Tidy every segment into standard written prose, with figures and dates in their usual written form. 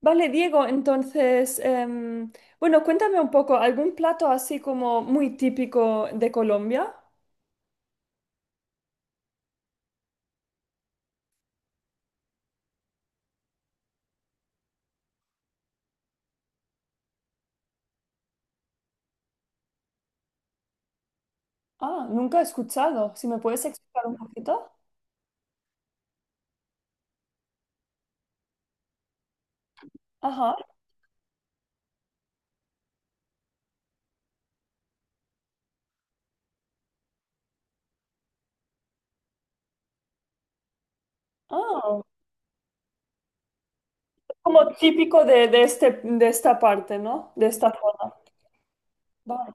Vale, Diego, entonces, bueno, cuéntame un poco, ¿algún plato así como muy típico de Colombia? Ah, nunca he escuchado. Si me puedes explicar un poquito. Ajá. Ah, como típico de, de esta parte, ¿no? De esta zona. Vale.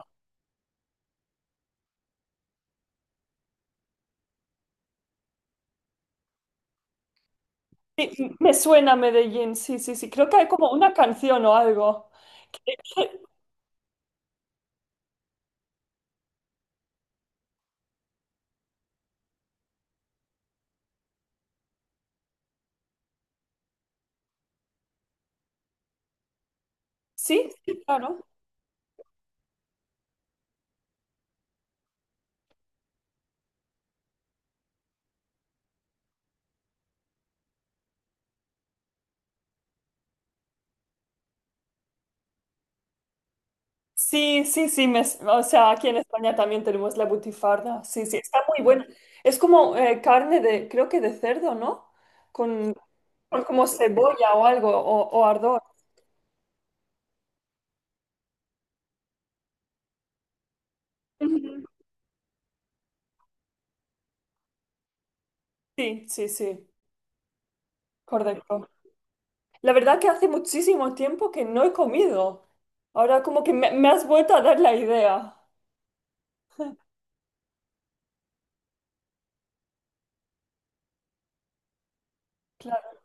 Sí, me suena Medellín, sí, sí, sí. Creo que hay como una canción o algo. Sí, sí, claro. Sí, sí, sí, o sea, aquí en España también tenemos la butifarra. Sí, sí, está muy buena. Es como carne creo que de cerdo, ¿no? Con, con como cebolla o algo, o ardor. Ujú. Sí, sí, sí, correcto. La verdad que hace muchísimo tiempo que no he comido. Ahora como que me has vuelto a dar la idea. Claro.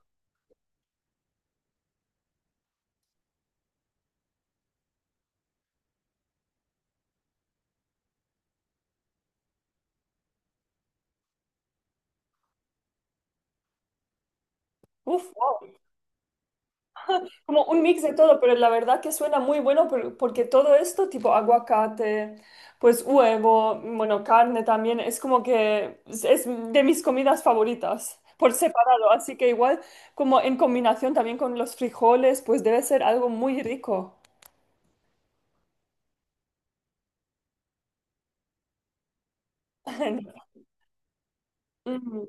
Uf, wow. Como un mix de todo, pero la verdad que suena muy bueno porque todo esto, tipo aguacate, pues huevo, bueno, carne también, es como que es de mis comidas favoritas por separado, así que igual como en combinación también con los frijoles, pues debe ser algo muy rico. Mm.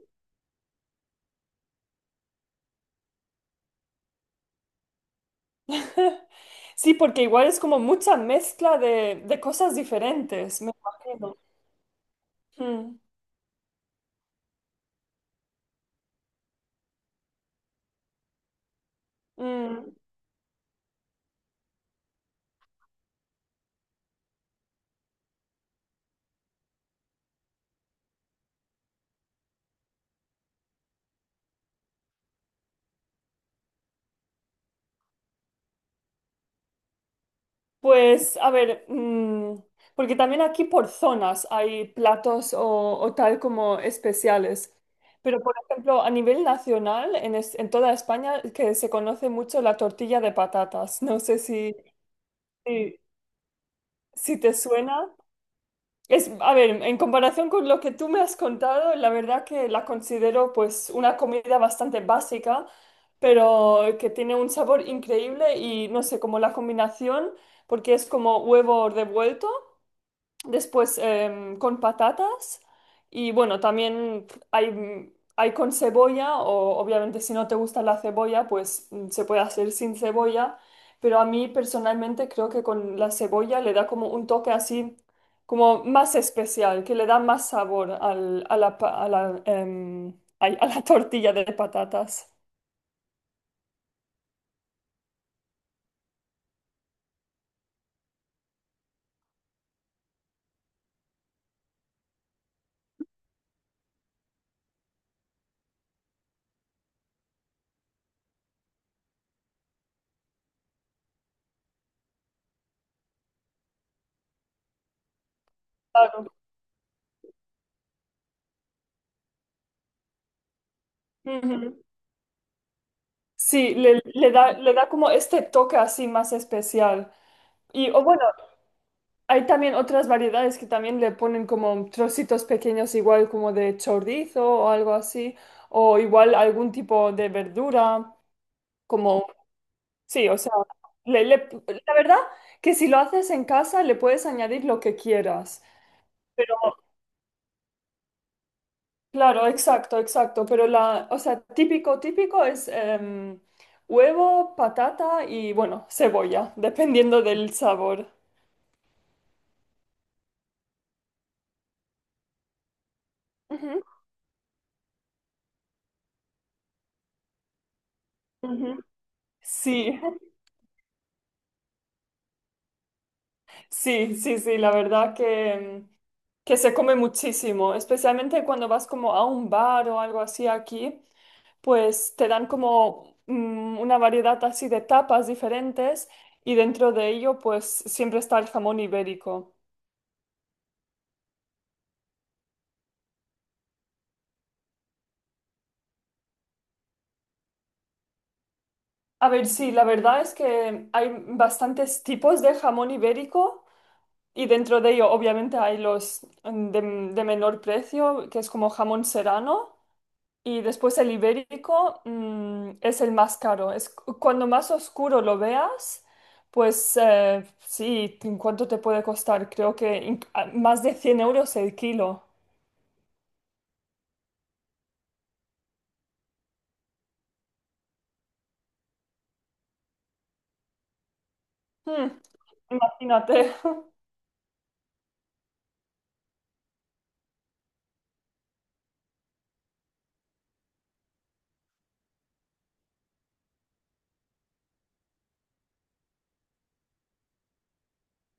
Sí, porque igual es como mucha mezcla de cosas diferentes, me imagino. Mm, mm. Pues, a ver, porque también aquí por zonas hay platos o tal como especiales. Pero, por ejemplo, a nivel nacional, en toda España, que se conoce mucho la tortilla de patatas. No sé si, si te suena. Es, a ver, en comparación con lo que tú me has contado, la verdad que la considero pues una comida bastante básica, pero que tiene un sabor increíble y no sé, como la combinación, porque es como huevo revuelto. Después con patatas y bueno, también hay con cebolla o obviamente si no te gusta la cebolla, pues se puede hacer sin cebolla, pero a mí personalmente creo que con la cebolla le da como un toque así como más especial, que le da más sabor al- a la, pa- a la, em, ay, a la tortilla de patatas. Claro. Ujú. Sí, le da como este toque así más especial. Y o bueno, Hay también otras variedades que también le ponen como trocitos pequeños, igual como de chorizo o algo así, o igual algún tipo de verdura, como, sí, o sea, le- le- la verdad que si lo haces en casa le puedes añadir lo que quieras, pero claro, exacto, exacto, pero o sea, típico, típico es huevo, patata y bueno, cebolla, dependiendo del sabor. Ujú, ujú. Sí, sí, sí, sí, la verdad que se come muchísimo, especialmente cuando vas como a un bar o algo así aquí, pues te dan como una variedad así de tapas diferentes y dentro de ello pues siempre está el jamón ibérico. A ver, sí, la verdad es que hay bastantes tipos de jamón ibérico y dentro de ello obviamente hay los de menor precio, que es como jamón serrano. Y después el ibérico, es el más caro. Es, cuando más oscuro lo veas, pues sí, ¿en ¿cuánto te puede costar? Creo que más de 100 € el kilo. Hmm, Imagínate.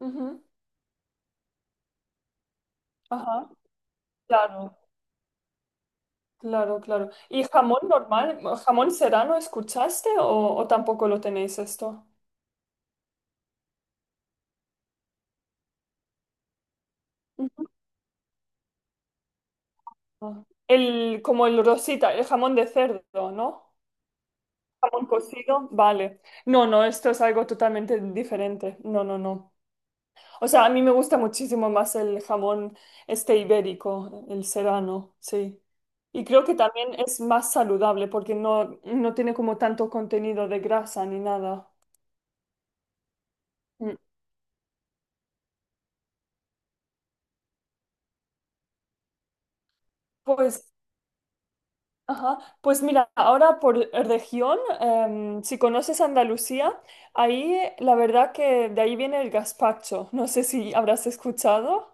Ujú, ajá, claro, claro, claro. ¿Y jamón normal? ¿Jamón serrano escuchaste o tampoco lo tenéis esto? Ujú. Como el rosita, el jamón de cerdo, ¿no? Jamón cocido, vale. No, no, esto es algo totalmente diferente. No, no, no. O sea, a mí me gusta muchísimo más el jamón este ibérico, el serrano, sí. Y creo que también es más saludable porque no tiene como tanto contenido de grasa ni nada. Mm, Pues, ajá. Pues mira, ahora por región, si conoces Andalucía, ahí la verdad que de ahí viene el gazpacho. No sé si habrás escuchado.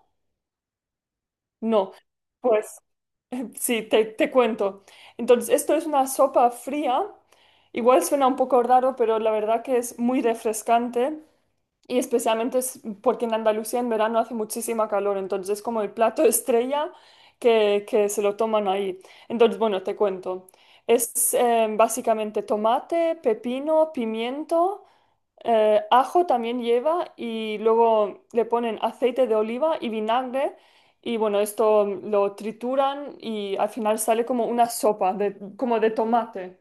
No. Pues sí, te cuento. Entonces, esto es una sopa fría. Igual suena un poco raro, pero la verdad que es muy refrescante y especialmente es porque en Andalucía en verano hace muchísima calor, entonces es como el plato estrella que se lo toman ahí. Entonces, bueno, te cuento. Es básicamente tomate, pepino, pimiento. Ajo también lleva y luego le ponen aceite de oliva y vinagre y bueno, esto lo trituran y al final sale como una sopa como de tomate.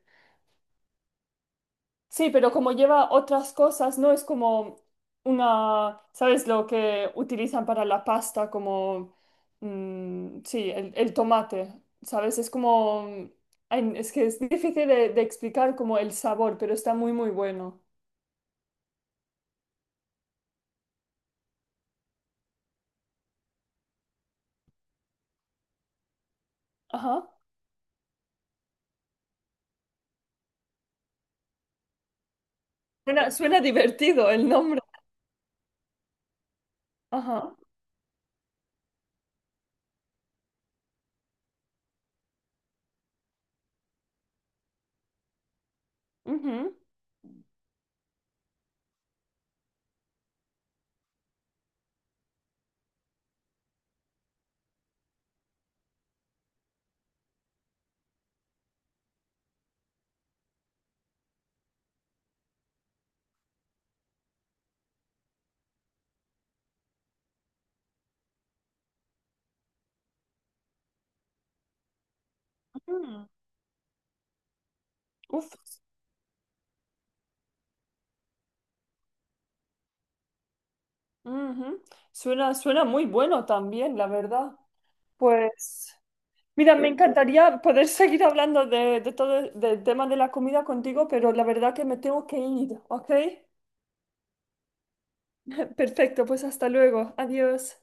Sí, pero como lleva otras cosas, no es como ¿sabes lo que utilizan para la pasta? Como, sí, el tomate, ¿sabes? Es como, ay, es que es difícil de explicar como el sabor, pero está muy, muy bueno. Ajá. Suena divertido el nombre. Ajá. Ujú. Mm, uf, ujú. Suena muy bueno también, la verdad. Pues, mira, me encantaría poder seguir hablando de todo, el del tema de la comida contigo, pero la verdad que me tengo que ir, ¿ok? Perfecto, pues hasta luego. Adiós.